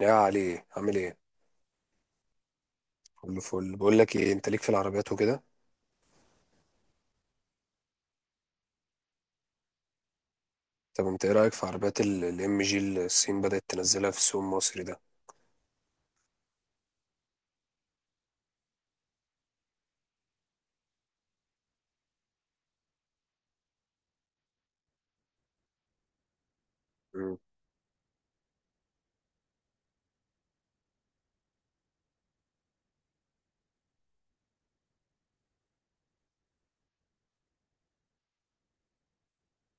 يا علي، عامل ايه؟ كله فل. بقول لك ايه، انت ليك في العربيات وكده؟ طب انت ايه رايك في عربيات الام جي اللي الصين بدات تنزلها في السوق المصري ده؟ مم.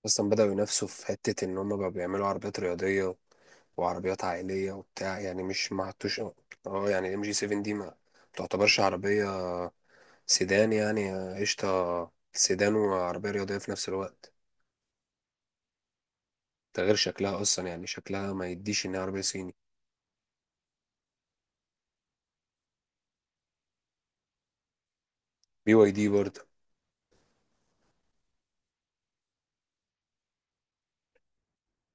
اصلا بداوا ينافسوا في حته ان هم بقى بيعملوا عربيات رياضيه وعربيات عائليه وبتاع، يعني مش ما عدتوش. اه، يعني الام جي 7 دي ما تعتبرش عربيه سيدان يعني. قشطه، سيدان وعربيه رياضيه في نفس الوقت. ده غير شكلها اصلا، يعني شكلها ما يديش انها عربيه صيني. بي واي دي برضه.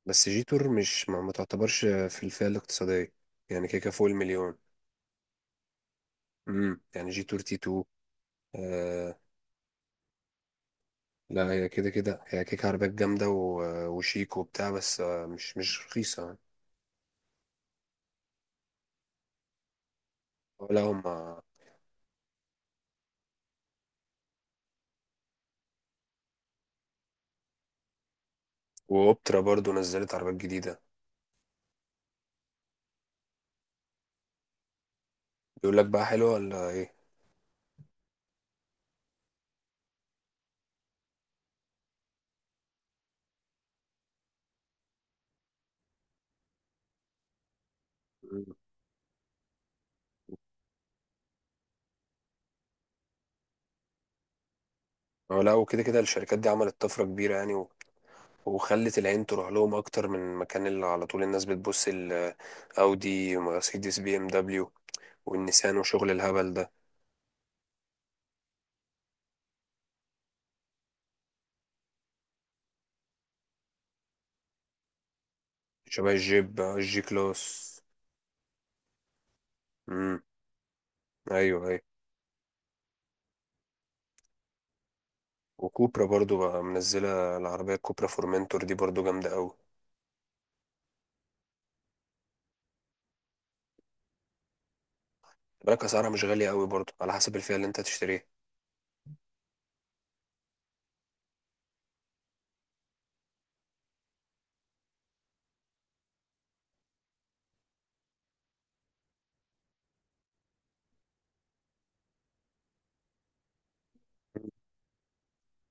بس جيتور مش ما تعتبرش في الفئة الاقتصادية، يعني كيكة فوق المليون. يعني جيتور تي 2. آه، لا هي كده كده هي كيكة عربيات جامدة وشيك وبتاع، بس مش رخيصة يعني. لا هم. وأوبترا برضو نزلت عربيات جديدة. بيقول لك بقى، حلوة ولا ايه؟ مم. هو لا، وكده كده الشركات دي عملت طفرة كبيرة يعني، و... وخلت العين تروح لهم اكتر من مكان اللي على طول الناس بتبص، الاودي، مرسيدس، بي ام دبليو والنيسان وشغل الهبل ده. شبه الجيب الجي كلاس. امم، ايوه ايوه. وكوبرا برضو بقى منزله العربيه، كوبرا فورمنتور دي برضو جامده قوي. بالك اسعارها مش غاليه قوي برضو، على حسب الفئه اللي انت هتشتريها.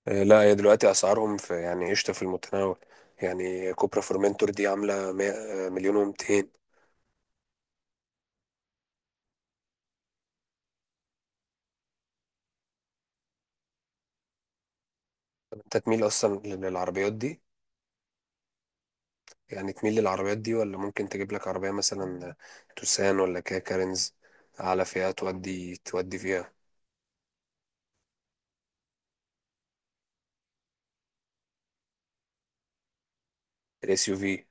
لا هي دلوقتي اسعارهم، في يعني قشطه في المتناول. يعني كوبرا فورمنتور دي عامله مليون و200. انت تميل اصلا للعربيات دي؟ يعني تميل للعربيات دي، ولا ممكن تجيب لك عربيه مثلا توسان ولا كيا كارينز على فئه تودي تودي فيها؟ الاس يو في.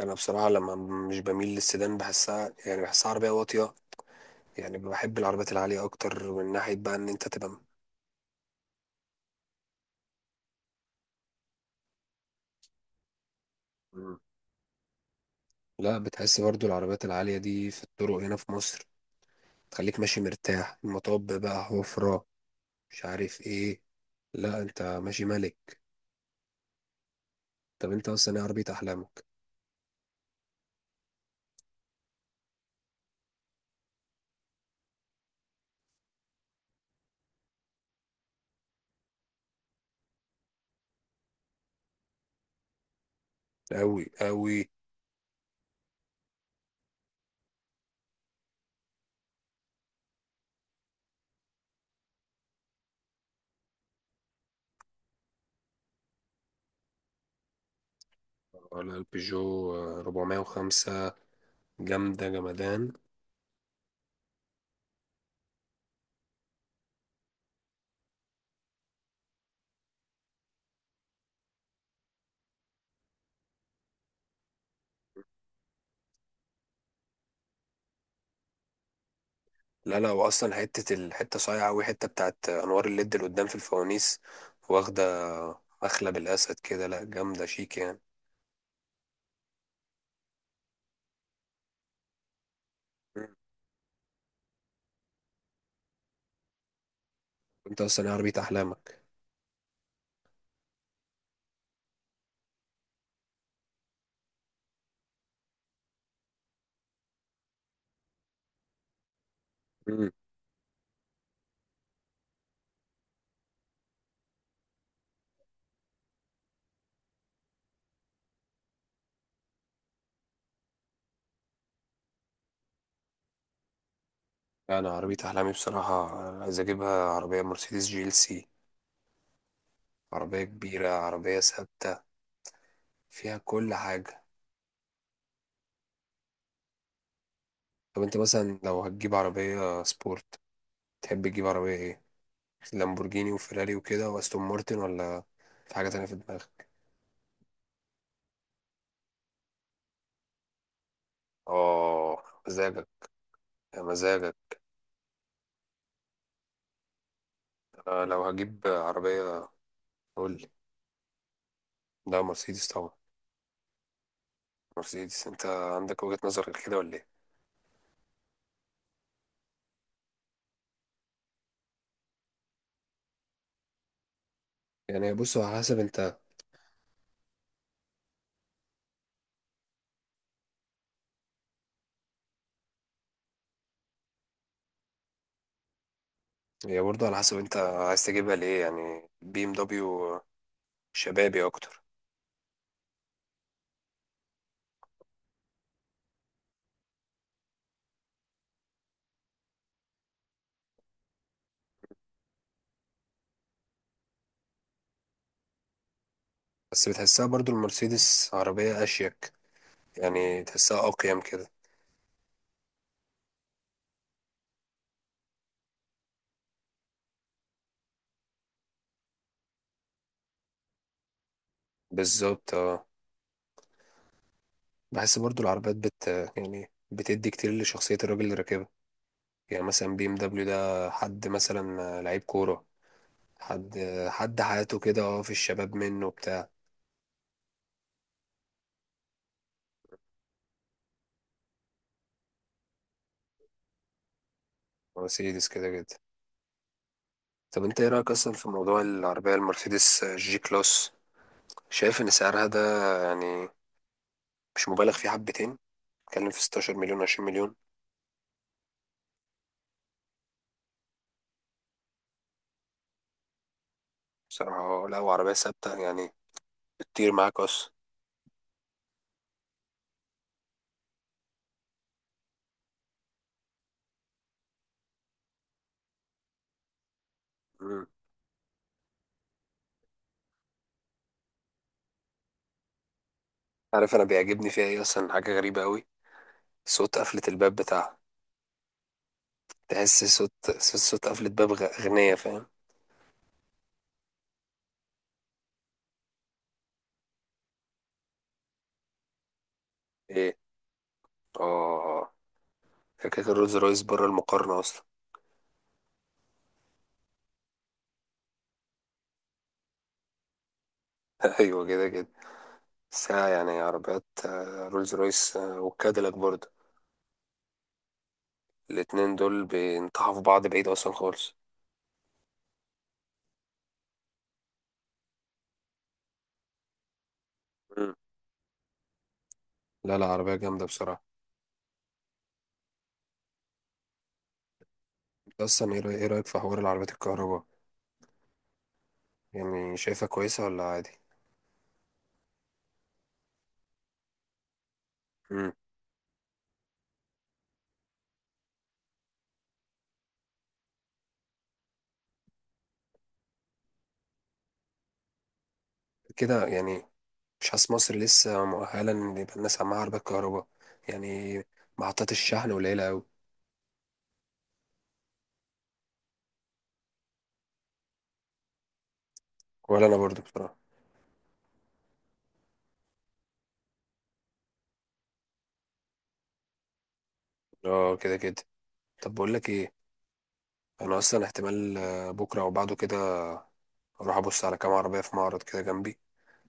انا بصراحه لما مش بميل للسيدان، بحسها يعني بحسها عربيه واطيه. يعني بحب العربيات العاليه اكتر، من ناحيه بقى ان انت تبقى م- لا بتحس برضو العربيات العاليه دي في الطرق هنا في مصر تخليك ماشي مرتاح. المطب بقى حفره، مش عارف ايه. لا انت ماشي ملك. طب انت اصلا ايه عربيه احلامك؟ قوي قوي. ولا البيجو 405؟ جامده جمدان. لا لا، واصلا حته الحته صايعه قوي، حته بتاعت انوار الليد اللي قدام في الفوانيس واخده مخلب الاسد كده، لا جامده شيك يعني. مم. انت اصلا إيه عربيه احلامك؟ مم. انا عربيه احلامي بصراحه عايز اجيبها عربيه مرسيدس جي ال سي. عربيه كبيره، عربيه ثابته، فيها كل حاجه. طب انت مثلا لو هتجيب عربيه سبورت، تحب تجيب عربيه ايه؟ لامبورجيني وفيراري وكده، واستون مارتن، ولا في حاجه تانية في دماغك؟ اه، مزاجك. يا مزاجك. آه، لو هجيب عربية. قول لي. لا مرسيدس طبعا. مرسيدس. انت عندك وجهة نظر غير كده ولا ايه؟ يعني بص، على حسب انت. هي برضه على حسب انت عايز تجيبها ليه يعني بي ام دبليو. شبابي اكتر. بس بتحسها برضه المرسيدس عربية اشيك، يعني تحسها اقيم كده. بالظبط اه. بحس برضه العربيات يعني بتدي كتير لشخصية الراجل اللي راكبها. يعني مثلا بي ام دبليو ده حد مثلا لعيب كورة، حد حد حياته كده، اه، في الشباب منه بتاع. مرسيدس كده كده. طب انت ايه رأيك اصلا في موضوع العربية المرسيدس جي كلاس؟ شايف ان سعرها ده يعني مش مبالغ فيه حبتين؟ بتكلم في 16 مليون، 20 مليون. بصراحة لا، وعربية ثابتة يعني، بتطير معاك اصلا. مم. عارف انا بيعجبني فيها ايه اصلا؟ حاجة غريبة قوي، صوت قفلة الباب بتاعها. تحس صوت قفلة باب غنية، فاهم؟ ايه؟ اه. فكرة الرولز رويس بره المقارنة اصلا. ايوه كده كده. ساعة يعني عربيات رولز رويس وكاديلاك برضه. الاتنين دول بينطحوا في بعض بعيد اصلا خالص. مم. لا لا، عربية جامدة بصراحة. انت اصلا ايه إيه رأيك في حوار العربيات الكهرباء؟ يعني شايفها كويسة ولا عادي؟ مم. كده يعني. مش حاسس مصر لسه مؤهلة ان يبقى الناس عندها عربيات كهرباء، يعني محطات الشحن قليلة اوي. ولا انا برضو بصراحة. اه كده كده. طب بقول لك ايه. انا اصلا احتمال بكرة او بعده كده اروح ابص على كام عربية في معرض كده جنبي.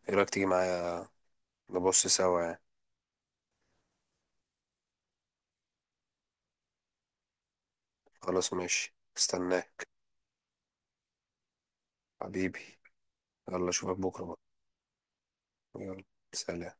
ايه رأيك تيجي معايا؟ نبص سوا يعني. خلاص ماشي، استناك حبيبي. يلا اشوفك بكره بقى. يلا. سلام.